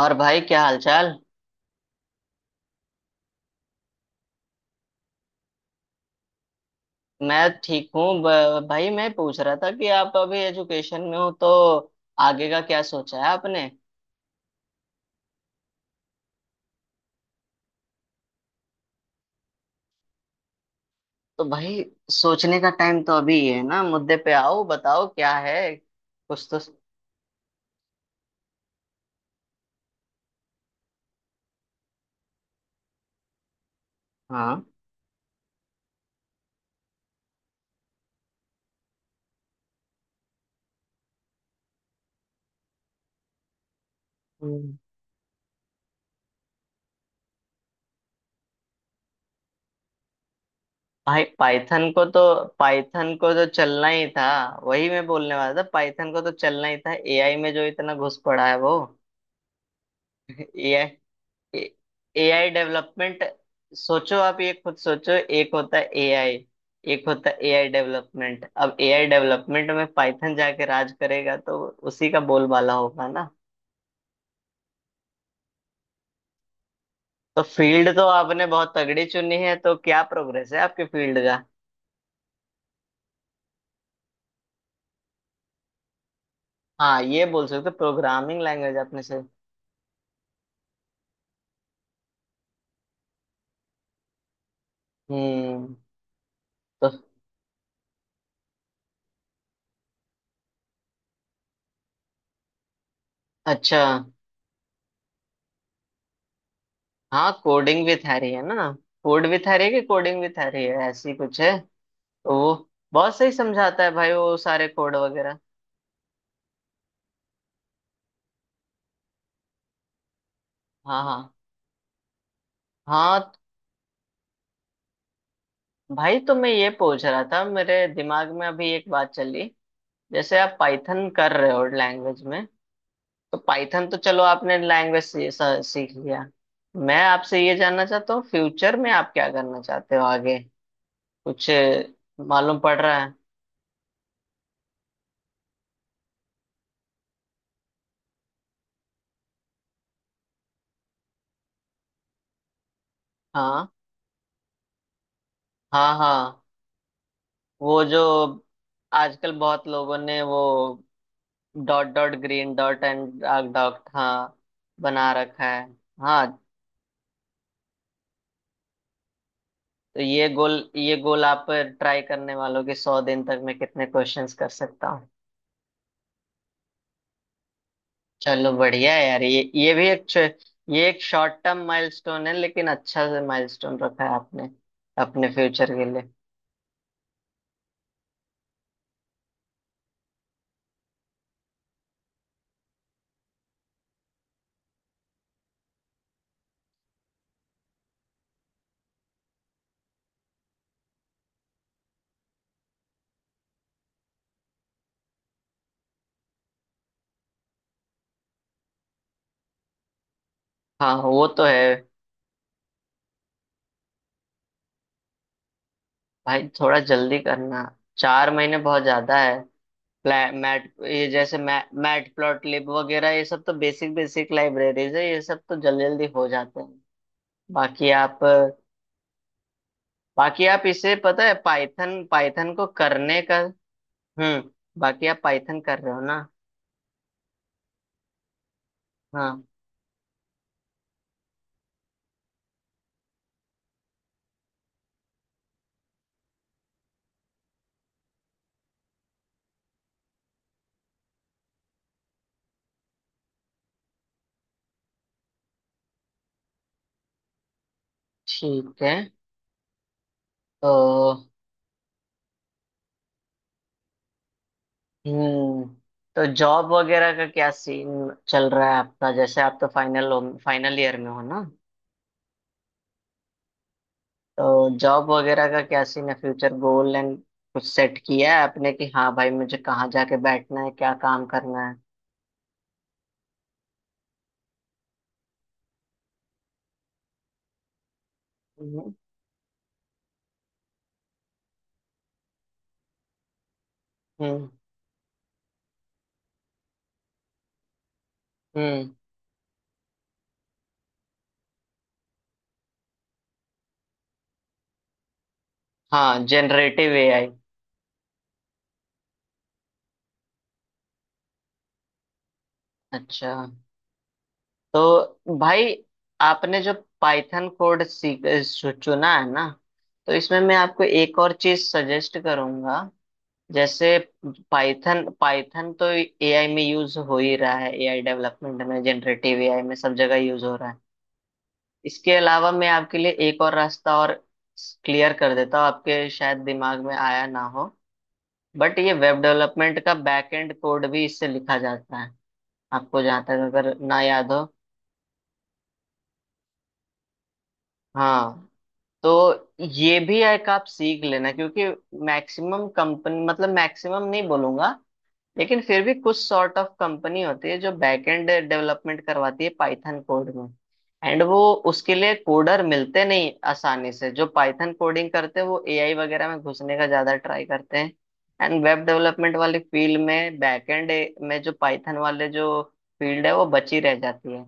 और भाई, क्या हालचाल? मैं ठीक हूँ। भाई, मैं पूछ रहा था कि आप अभी एजुकेशन में हो, तो आगे का क्या सोचा है आपने? तो भाई, सोचने का टाइम तो अभी ही है ना। मुद्दे पे आओ, बताओ क्या है कुछ तो। हाँ। हम्म। भाई, पाइथन को तो चलना ही था। वही मैं बोलने वाला था, पाइथन को तो चलना ही था, एआई में जो इतना घुस पड़ा है वो। AI AI development. सोचो, आप ये खुद सोचो। एक होता है एआई, एक होता है एआई डेवलपमेंट। अब एआई डेवलपमेंट में पाइथन जाके राज करेगा, तो उसी का बोलबाला होगा ना। तो फील्ड तो आपने बहुत तगड़ी चुनी है, तो क्या प्रोग्रेस है आपके फील्ड का? हाँ, ये बोल सकते प्रोग्रामिंग लैंग्वेज आपने से। हम्म। तो अच्छा। हाँ, कोडिंग भी आ रही है ना? कोड भी आ रही है कि कोडिंग भी आ रही है, ऐसी कुछ है? तो वो बहुत सही समझाता है भाई, वो सारे कोड वगैरह। हाँ, हाँ, हाँ। भाई, तो मैं ये पूछ रहा था, मेरे दिमाग में अभी एक बात चली। जैसे आप पाइथन कर रहे हो लैंग्वेज में, तो पाइथन तो चलो आपने लैंग्वेज सीख लिया। मैं आपसे ये जानना चाहता हूँ, फ्यूचर में आप क्या करना चाहते हो आगे? कुछ मालूम पड़ रहा है। हाँ, हाँ, हाँ। वो जो आजकल बहुत लोगों ने वो dot dot green dot and dark dot हाँ बना रखा है। हाँ, तो ये गोल, ये गोल आप ट्राई करने वालों की, सौ दिन तक मैं कितने क्वेश्चंस कर सकता हूँ। चलो बढ़िया है यार, ये एक शॉर्ट टर्म माइलस्टोन है, लेकिन अच्छा से माइलस्टोन रखा है आपने अपने फ्यूचर के लिए। हाँ, वो तो है। भाई थोड़ा जल्दी करना, चार महीने बहुत ज्यादा है। मैट, ये जैसे मैट प्लॉट लिब वगैरह, ये सब तो बेसिक बेसिक लाइब्रेरीज है, ये सब तो जल्दी जल्दी हो जाते हैं। बाकी आप बाकी आप, इसे पता है, पाइथन पाइथन को करने का। हम्म। बाकी आप पाइथन कर रहे हो ना? हाँ। ठीक है तो। हम्म। तो जॉब वगैरह का क्या सीन चल रहा है आपका? जैसे आप तो फाइनल हो, फाइनल ईयर में हो ना? तो जॉब वगैरह का क्या सीन है, फ्यूचर गोल एंड कुछ सेट किया है आपने कि हाँ भाई, मुझे कहाँ जाके बैठना है, क्या काम करना है? हम्म। हम्म, हम्म, हाँ, जनरेटिव एआई। अच्छा। तो भाई, आपने जो पाइथन कोड चुना है ना, तो इसमें मैं आपको एक और चीज सजेस्ट करूंगा। जैसे पाइथन पाइथन तो एआई में यूज हो ही रहा है, एआई डेवलपमेंट में, जनरेटिव एआई में सब जगह यूज हो रहा है। इसके अलावा मैं आपके लिए एक और रास्ता और क्लियर कर देता हूँ, आपके शायद दिमाग में आया ना हो, बट ये वेब डेवलपमेंट का बैकएंड कोड भी इससे लिखा जाता है। आपको जहां तक अगर ना याद हो। हाँ, तो ये भी एक आप सीख लेना, क्योंकि मैक्सिमम कंपनी, मतलब मैक्सिमम नहीं बोलूंगा, लेकिन फिर भी कुछ सॉर्ट ऑफ कंपनी होती है जो बैकएंड डेवलपमेंट करवाती है पाइथन कोड में। एंड वो, उसके लिए कोडर मिलते नहीं आसानी से, जो पाइथन कोडिंग करते हैं वो एआई वगैरह में घुसने का ज्यादा ट्राई करते हैं। एंड वेब डेवलपमेंट वाली फील्ड में, बैकएंड में जो पाइथन वाले जो फील्ड है, वो बची रह जाती है।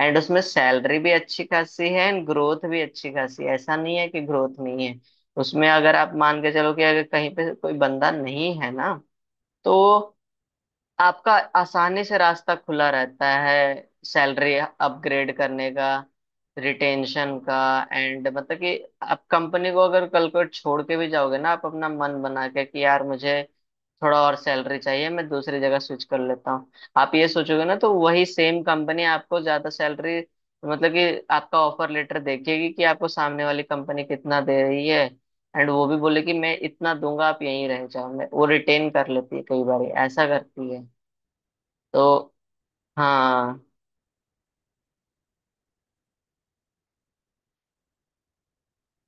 एंड उसमें सैलरी भी अच्छी खासी है, एंड ग्रोथ भी अच्छी खासी है, ऐसा नहीं है कि ग्रोथ नहीं है। उसमें अगर आप मान के चलो कि अगर कहीं पे कोई बंदा नहीं है ना, तो आपका आसानी से रास्ता खुला रहता है, सैलरी अपग्रेड करने का, रिटेंशन का। एंड मतलब कि आप कंपनी को अगर कल को छोड़ के भी जाओगे ना, आप अपना मन बना के कि यार, मुझे थोड़ा और सैलरी चाहिए, मैं दूसरी जगह स्विच कर लेता हूँ, आप ये सोचोगे ना, तो वही सेम कंपनी आपको ज्यादा सैलरी, मतलब कि आपका ऑफर लेटर देखेगी कि आपको सामने वाली कंपनी कितना दे रही है, एंड वो भी बोले कि मैं इतना दूंगा, आप यहीं रह जाओ, मैं वो रिटेन कर लेती है, कई बार ऐसा करती है। तो हाँ,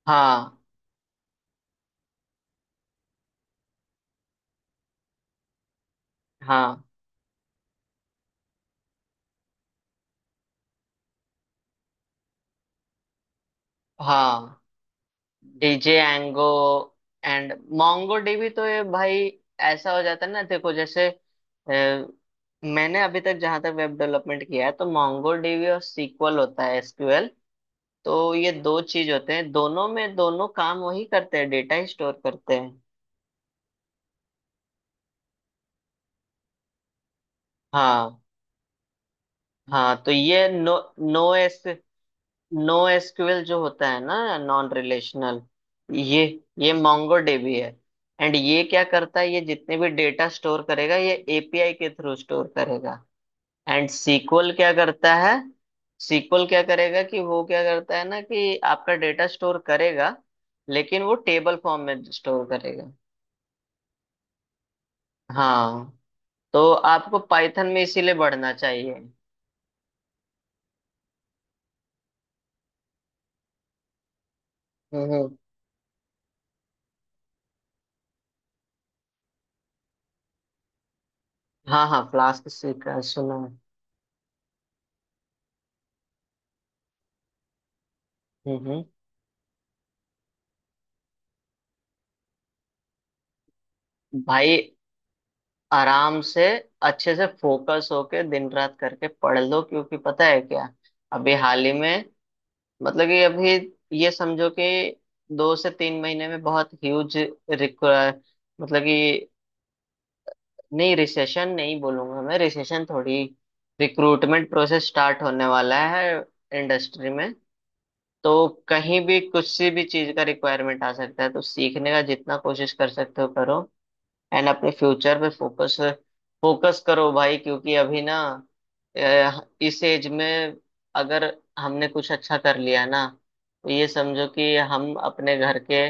हाँ, हाँ, हाँ, Django and MongoDB तो ये भाई, ऐसा हो जाता है ना, देखो, जैसे मैंने अभी तक जहां तक वेब डेवलपमेंट किया है, तो मोंगो डीबी और सीक्वल होता है एसक्यूएल। तो ये दो चीज होते हैं, दोनों में दोनों काम वही करते हैं, डेटा ही स्टोर करते हैं। हाँ, हाँ, तो ये no no S no SQL जो होता है ना, नॉन रिलेशनल। ये ये मोंगोडीबी है। एंड ये क्या करता है, ये जितने भी डेटा स्टोर करेगा, ये एपीआई के थ्रू स्टोर करेगा। एंड सीक्वल क्या करता है? सीक्वल क्या करेगा कि वो क्या करता है ना कि आपका डेटा स्टोर करेगा, लेकिन वो टेबल फॉर्म में स्टोर करेगा। हाँ, तो आपको पाइथन में इसीलिए बढ़ना चाहिए। हम्म। हम्म। हाँ, हाँ, फ्लास्क सीखा है, सुना है। हम्म। हम्म। भाई आराम से, अच्छे से फोकस होके दिन रात करके पढ़ लो, क्योंकि पता है क्या? अभी हाल ही में, मतलब कि अभी, ये समझो कि दो से तीन महीने में बहुत ह्यूज, मतलब कि, नहीं, रिसेशन नहीं बोलूंगा मैं, रिसेशन थोड़ी, रिक्रूटमेंट प्रोसेस स्टार्ट होने वाला है इंडस्ट्री में। तो कहीं भी कुछ सी भी चीज का रिक्वायरमेंट आ सकता है, तो सीखने का जितना कोशिश कर सकते हो करो। एंड अपने फ्यूचर पे फोकस, फोकस करो भाई, क्योंकि अभी ना, इस एज में अगर हमने कुछ अच्छा कर लिया ना, तो ये समझो कि हम अपने घर के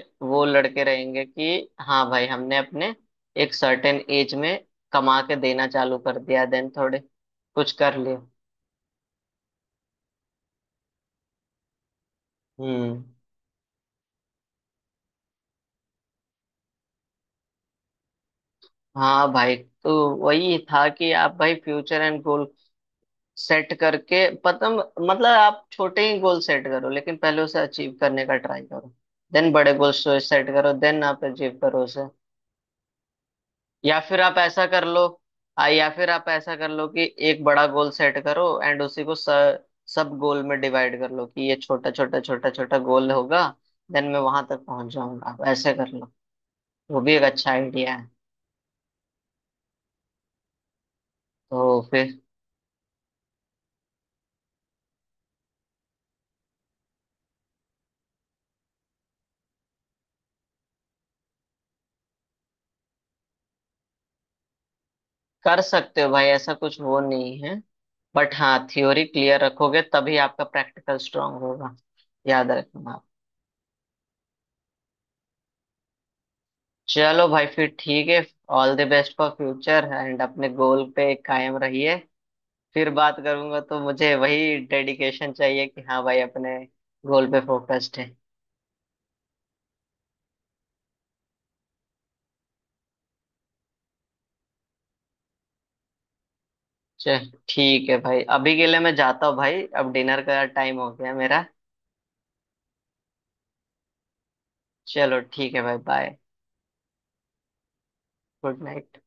वो लड़के रहेंगे कि हाँ भाई, हमने अपने एक सर्टेन एज में कमा के देना चालू कर दिया, देन थोड़े कुछ कर लिया। हम्म। हाँ भाई, तो वही था कि आप भाई फ्यूचर एंड गोल सेट करके, पता, मतलब आप छोटे ही गोल सेट करो, लेकिन पहले उसे अचीव करने का ट्राई करो, देन बड़े गोल सेट करो, देन आप अचीव करो उसे। या फिर आप ऐसा कर लो, या फिर आप ऐसा कर लो कि एक बड़ा गोल सेट करो एंड उसी को सब गोल में डिवाइड कर लो कि ये छोटा छोटा छोटा छोटा गोल होगा, देन मैं वहां तक पहुंच जाऊंगा, आप ऐसे कर लो, वो भी एक अच्छा आइडिया है। तो फिर, कर सकते हो भाई, ऐसा कुछ वो नहीं है, बट हाँ, थ्योरी क्लियर रखोगे तभी आपका प्रैक्टिकल स्ट्रांग होगा, याद रखना आप। चलो भाई, फिर ठीक है। All the best for future, and अपने गोल पे कायम रहिए। फिर बात करूंगा तो मुझे वही डेडिकेशन चाहिए कि हाँ भाई, अपने गोल पे फोकस्ड है। चल ठीक है भाई, अभी के लिए मैं जाता हूँ भाई, अब डिनर का टाइम हो गया मेरा। चलो ठीक है भाई, बाय। Good night.